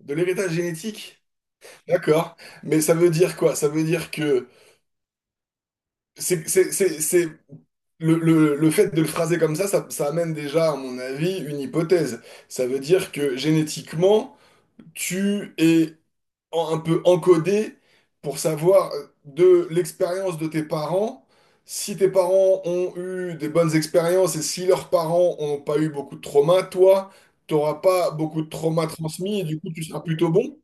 De l'héritage génétique? D'accord. Mais ça veut dire quoi? Ça veut dire que c'est, c'est, c'est, c'est- Le, le fait de le phraser comme ça, ça amène déjà, à mon avis, une hypothèse. Ça veut dire que génétiquement, tu es un peu encodé pour savoir de l'expérience de tes parents, si tes parents ont eu des bonnes expériences et si leurs parents n'ont pas eu beaucoup de traumas, toi, tu n'auras pas beaucoup de traumas transmis et du coup, tu seras plutôt bon.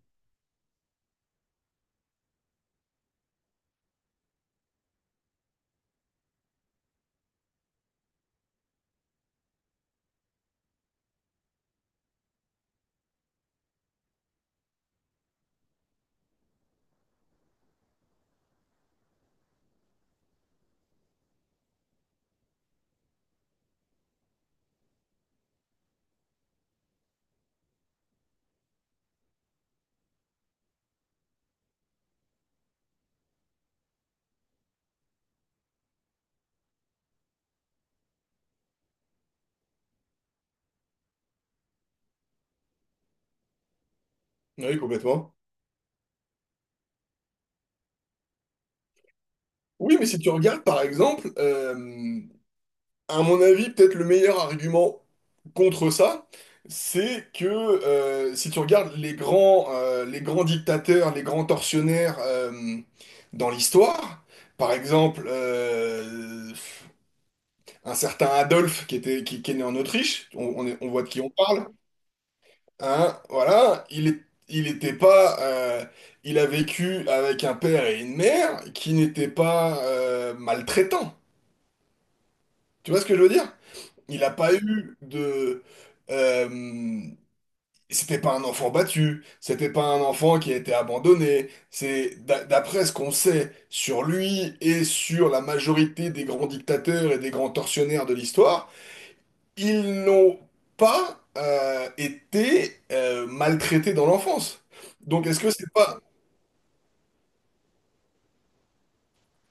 Oui, complètement. Oui, mais si tu regardes, par exemple, à mon avis, peut-être le meilleur argument contre ça, c'est que si tu regardes les grands dictateurs, les grands tortionnaires dans l'histoire, par exemple, un certain Adolphe qui est né en Autriche, on voit de qui on parle, hein, voilà, il était pas, il a vécu avec un père et une mère qui n'étaient pas maltraitants. Tu vois ce que je veux dire? Il n'a pas eu de... euh, c'était pas un enfant battu, c'était pas un enfant qui a été abandonné. C'est d'après ce qu'on sait sur lui et sur la majorité des grands dictateurs et des grands tortionnaires de l'histoire, ils n'ont pas été maltraités dans l'enfance. Donc est-ce que c'est pas...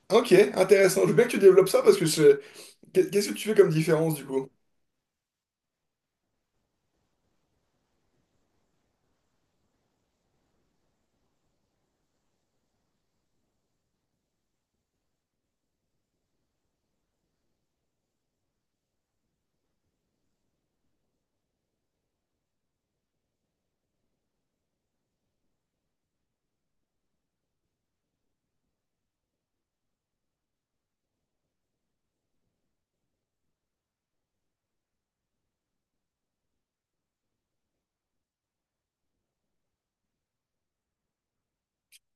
Ok, intéressant. Je veux bien que tu développes ça parce que qu'est-ce que tu fais comme différence du coup?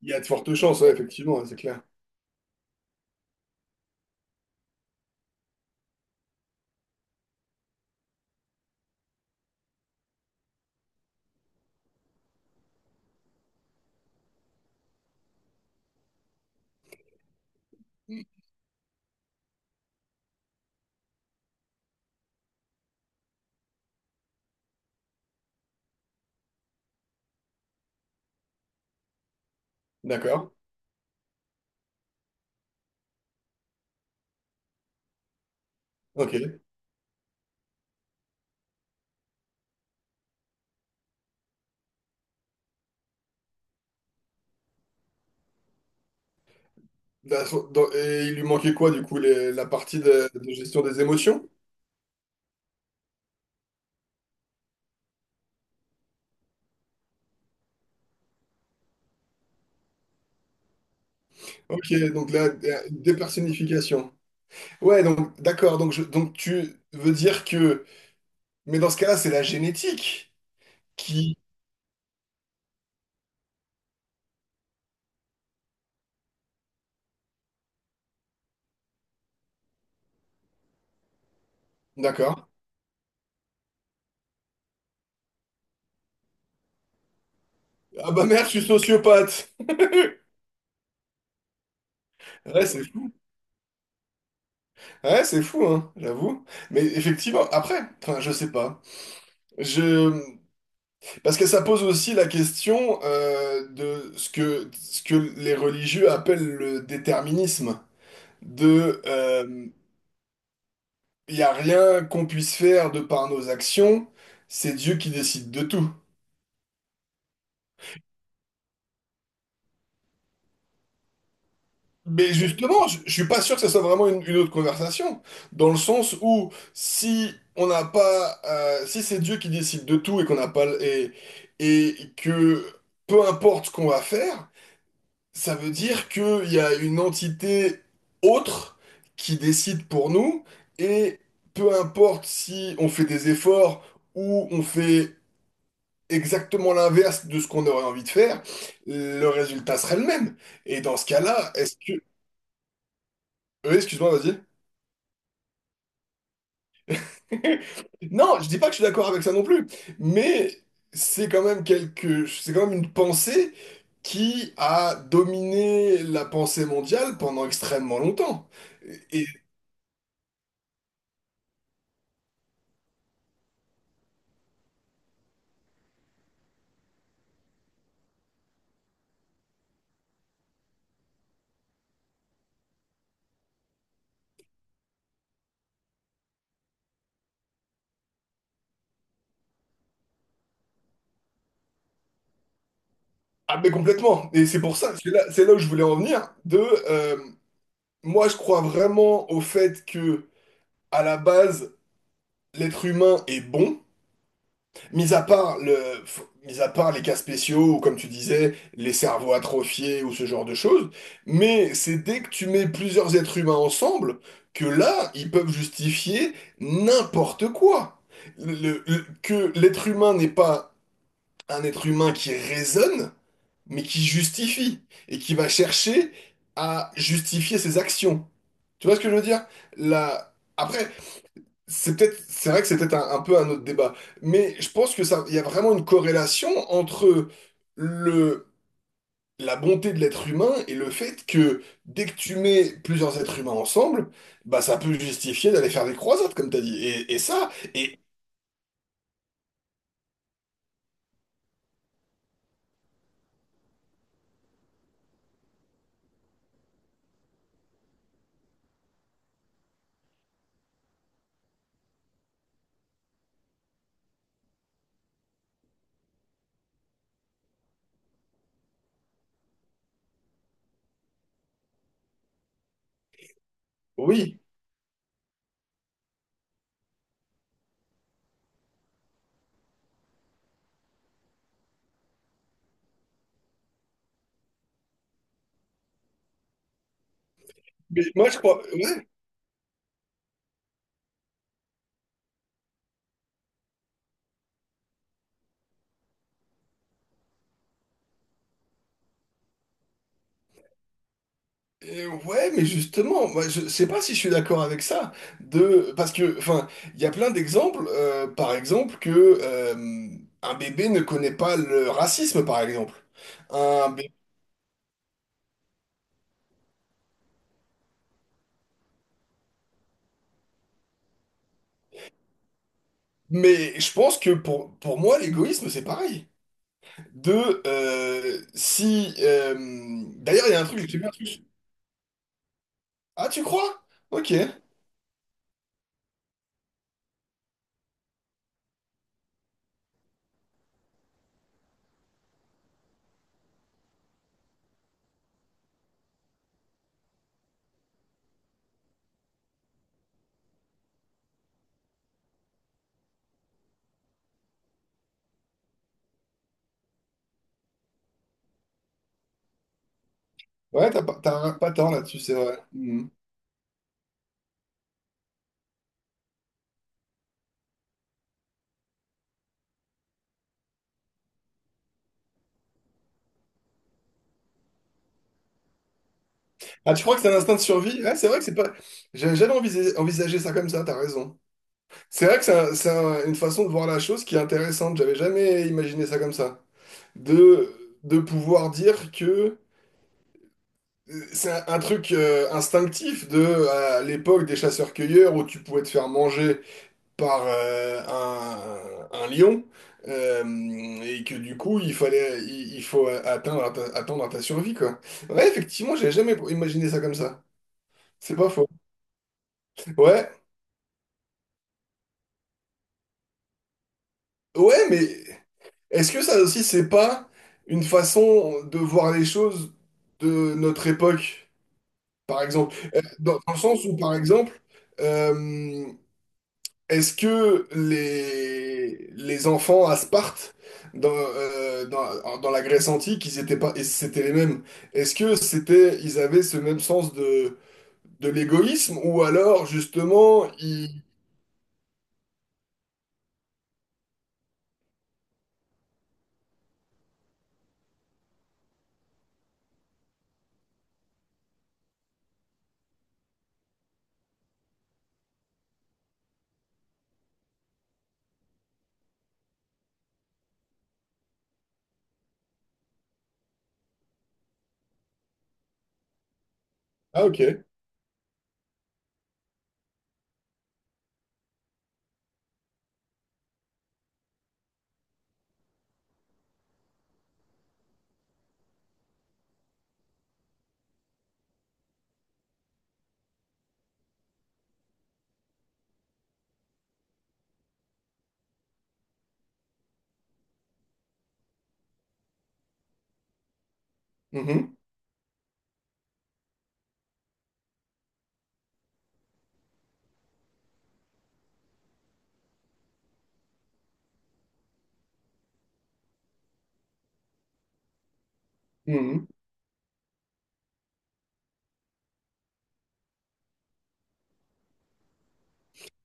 Il y a de fortes chances, ouais, effectivement, ouais, c'est clair. D'accord. Ok. Bah, Et il lui manquait quoi du coup la partie de gestion des émotions? Ok, donc là, dépersonnification. Ouais, donc d'accord, donc, donc tu veux dire que... Mais dans ce cas-là, c'est la génétique qui... D'accord. Ah bah merde, je suis sociopathe. Ouais, c'est fou. Ouais, c'est fou, hein, j'avoue. Mais effectivement, après, enfin, je sais pas. Je... Parce que ça pose aussi la question de ce que les religieux appellent le déterminisme de il n'y a rien qu'on puisse faire de par nos actions, c'est Dieu qui décide de tout. Mais oui, justement, je suis pas sûr que ça soit vraiment une autre conversation, dans le sens où si on n'a pas, si c'est Dieu qui décide de tout et qu'on n'a pas, et que peu importe ce qu'on va faire, ça veut dire qu'il y a une entité autre qui décide pour nous et peu importe si on fait des efforts ou on fait exactement l'inverse de ce qu'on aurait envie de faire, le résultat serait le même. Et dans ce cas-là, est-ce que... Oui, excuse-moi, vas-y. Non, je dis pas que je suis d'accord avec ça non plus, mais c'est quand même c'est quand même une pensée qui a dominé la pensée mondiale pendant extrêmement longtemps. Et... Ah, mais complètement. Et c'est pour ça, c'est là où je voulais en venir, de... euh, moi, je crois vraiment au fait que, à la base, l'être humain est bon. Mis à part le, mis à part les cas spéciaux, ou comme tu disais, les cerveaux atrophiés ou ce genre de choses, mais c'est dès que tu mets plusieurs êtres humains ensemble que là, ils peuvent justifier n'importe quoi. Que l'être humain n'est pas un être humain qui raisonne, mais qui justifie et qui va chercher à justifier ses actions. Tu vois ce que je veux dire? La... Après, c'est vrai que c'est peut-être un peu un autre débat, mais je pense que ça, il y a vraiment une corrélation entre le, la bonté de l'être humain et le fait que dès que tu mets plusieurs êtres humains ensemble, bah ça peut justifier d'aller faire des croisades, comme t'as dit. Et ça. Oui, mais moi je crois, ouais. Ouais, mais justement, moi, je sais pas si je suis d'accord avec ça, de parce que, enfin, il y a plein d'exemples, par exemple que euh, un bébé ne connaît pas le racisme, par exemple. Un bé- Mais je pense que pour moi, l'égoïsme, c'est pareil. De si, d'ailleurs, il y a un truc, j'ai vu un truc. Ah, tu crois? Ok. Ouais, t'as pas tort là-dessus, c'est vrai. Mhm. Ah, tu crois que c'est un instinct de survie? Ouais, c'est vrai que c'est pas. J'avais jamais envisagé envisagé ça comme ça. T'as raison. C'est vrai que une façon de voir la chose qui est intéressante. J'avais jamais imaginé ça comme ça. De, de pouvoir dire que c'est un truc instinctif de à l'époque des chasseurs-cueilleurs où tu pouvais te faire manger par un lion, euh, et que du coup il faut attendre à ta survie quoi. Ouais, effectivement, j'avais jamais imaginé ça comme ça. C'est pas faux. Ouais, ouais. Est-ce que ça aussi, c'est pas une façon de voir les choses de notre époque, par exemple? Dans, dans le sens où, par exemple, euh, est-ce que les enfants à Sparte, dans la Grèce antique, ils étaient pas, et c'était les mêmes? Est-ce que c'était, ils avaient ce même sens de l'égoïsme, ou alors, justement, ils... Ah, ok. Mhm. Mhm.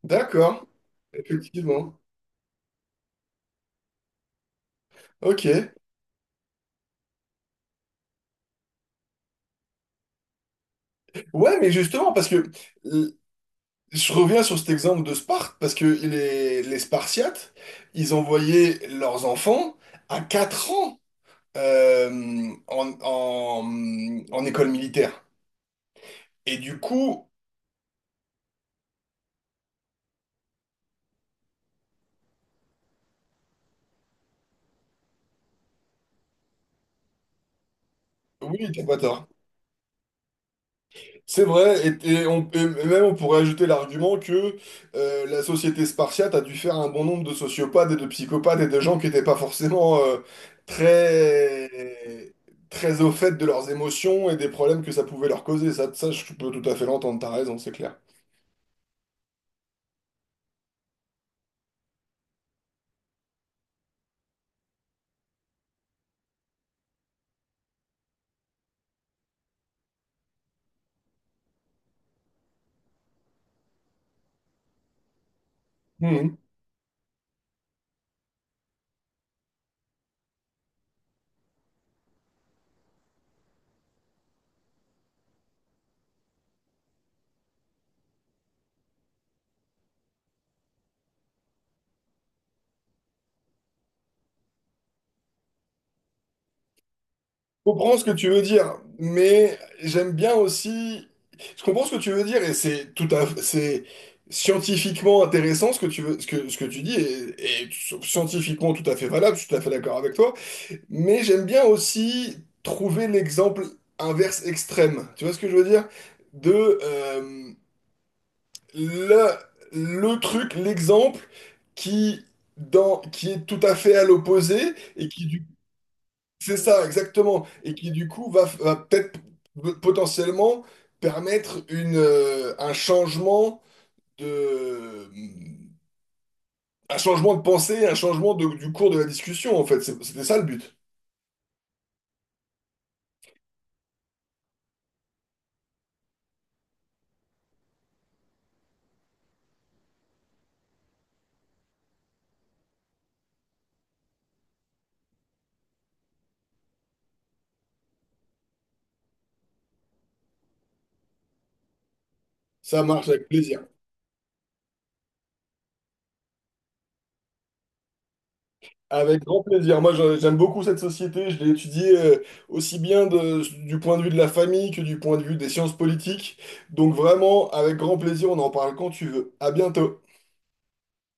D'accord. Effectivement. Ok. Ouais, mais justement, parce que euh, je reviens sur cet exemple de Sparte, parce que les Spartiates, ils envoyaient leurs enfants à 4 ans euh, en, en, en école militaire. Et du coup, oui, t'as pas tort. C'est vrai, et même on pourrait ajouter l'argument que la société spartiate a dû faire un bon nombre de sociopathes et de psychopathes et de gens qui n'étaient pas forcément très, très au fait de leurs émotions et des problèmes que ça pouvait leur causer. Ça, je peux tout à fait l'entendre, t'as raison, c'est clair. Mhm. Je comprends ce que tu veux dire, mais j'aime bien aussi. Je comprends ce que tu veux dire et c'est tout à c'est scientifiquement intéressant ce que tu veux, ce que tu dis et scientifiquement tout à fait valable, je suis tout à fait d'accord avec toi. Mais j'aime bien aussi trouver l'exemple inverse extrême. Tu vois ce que je veux dire? De le, le truc, l'exemple qui dans qui est tout à fait à l'opposé et qui du c'est ça, exactement. Et qui, du coup, va peut-être potentiellement permettre une, un changement de, mm, un changement de pensée, un changement du cours de la discussion, en fait. C'était ça le but. Ça marche avec plaisir. Avec grand plaisir. Moi, j'aime beaucoup cette société. Je l'ai étudiée aussi bien du point de vue de la famille que du point de vue des sciences politiques. Donc, vraiment, avec grand plaisir, on en parle quand tu veux. À bientôt.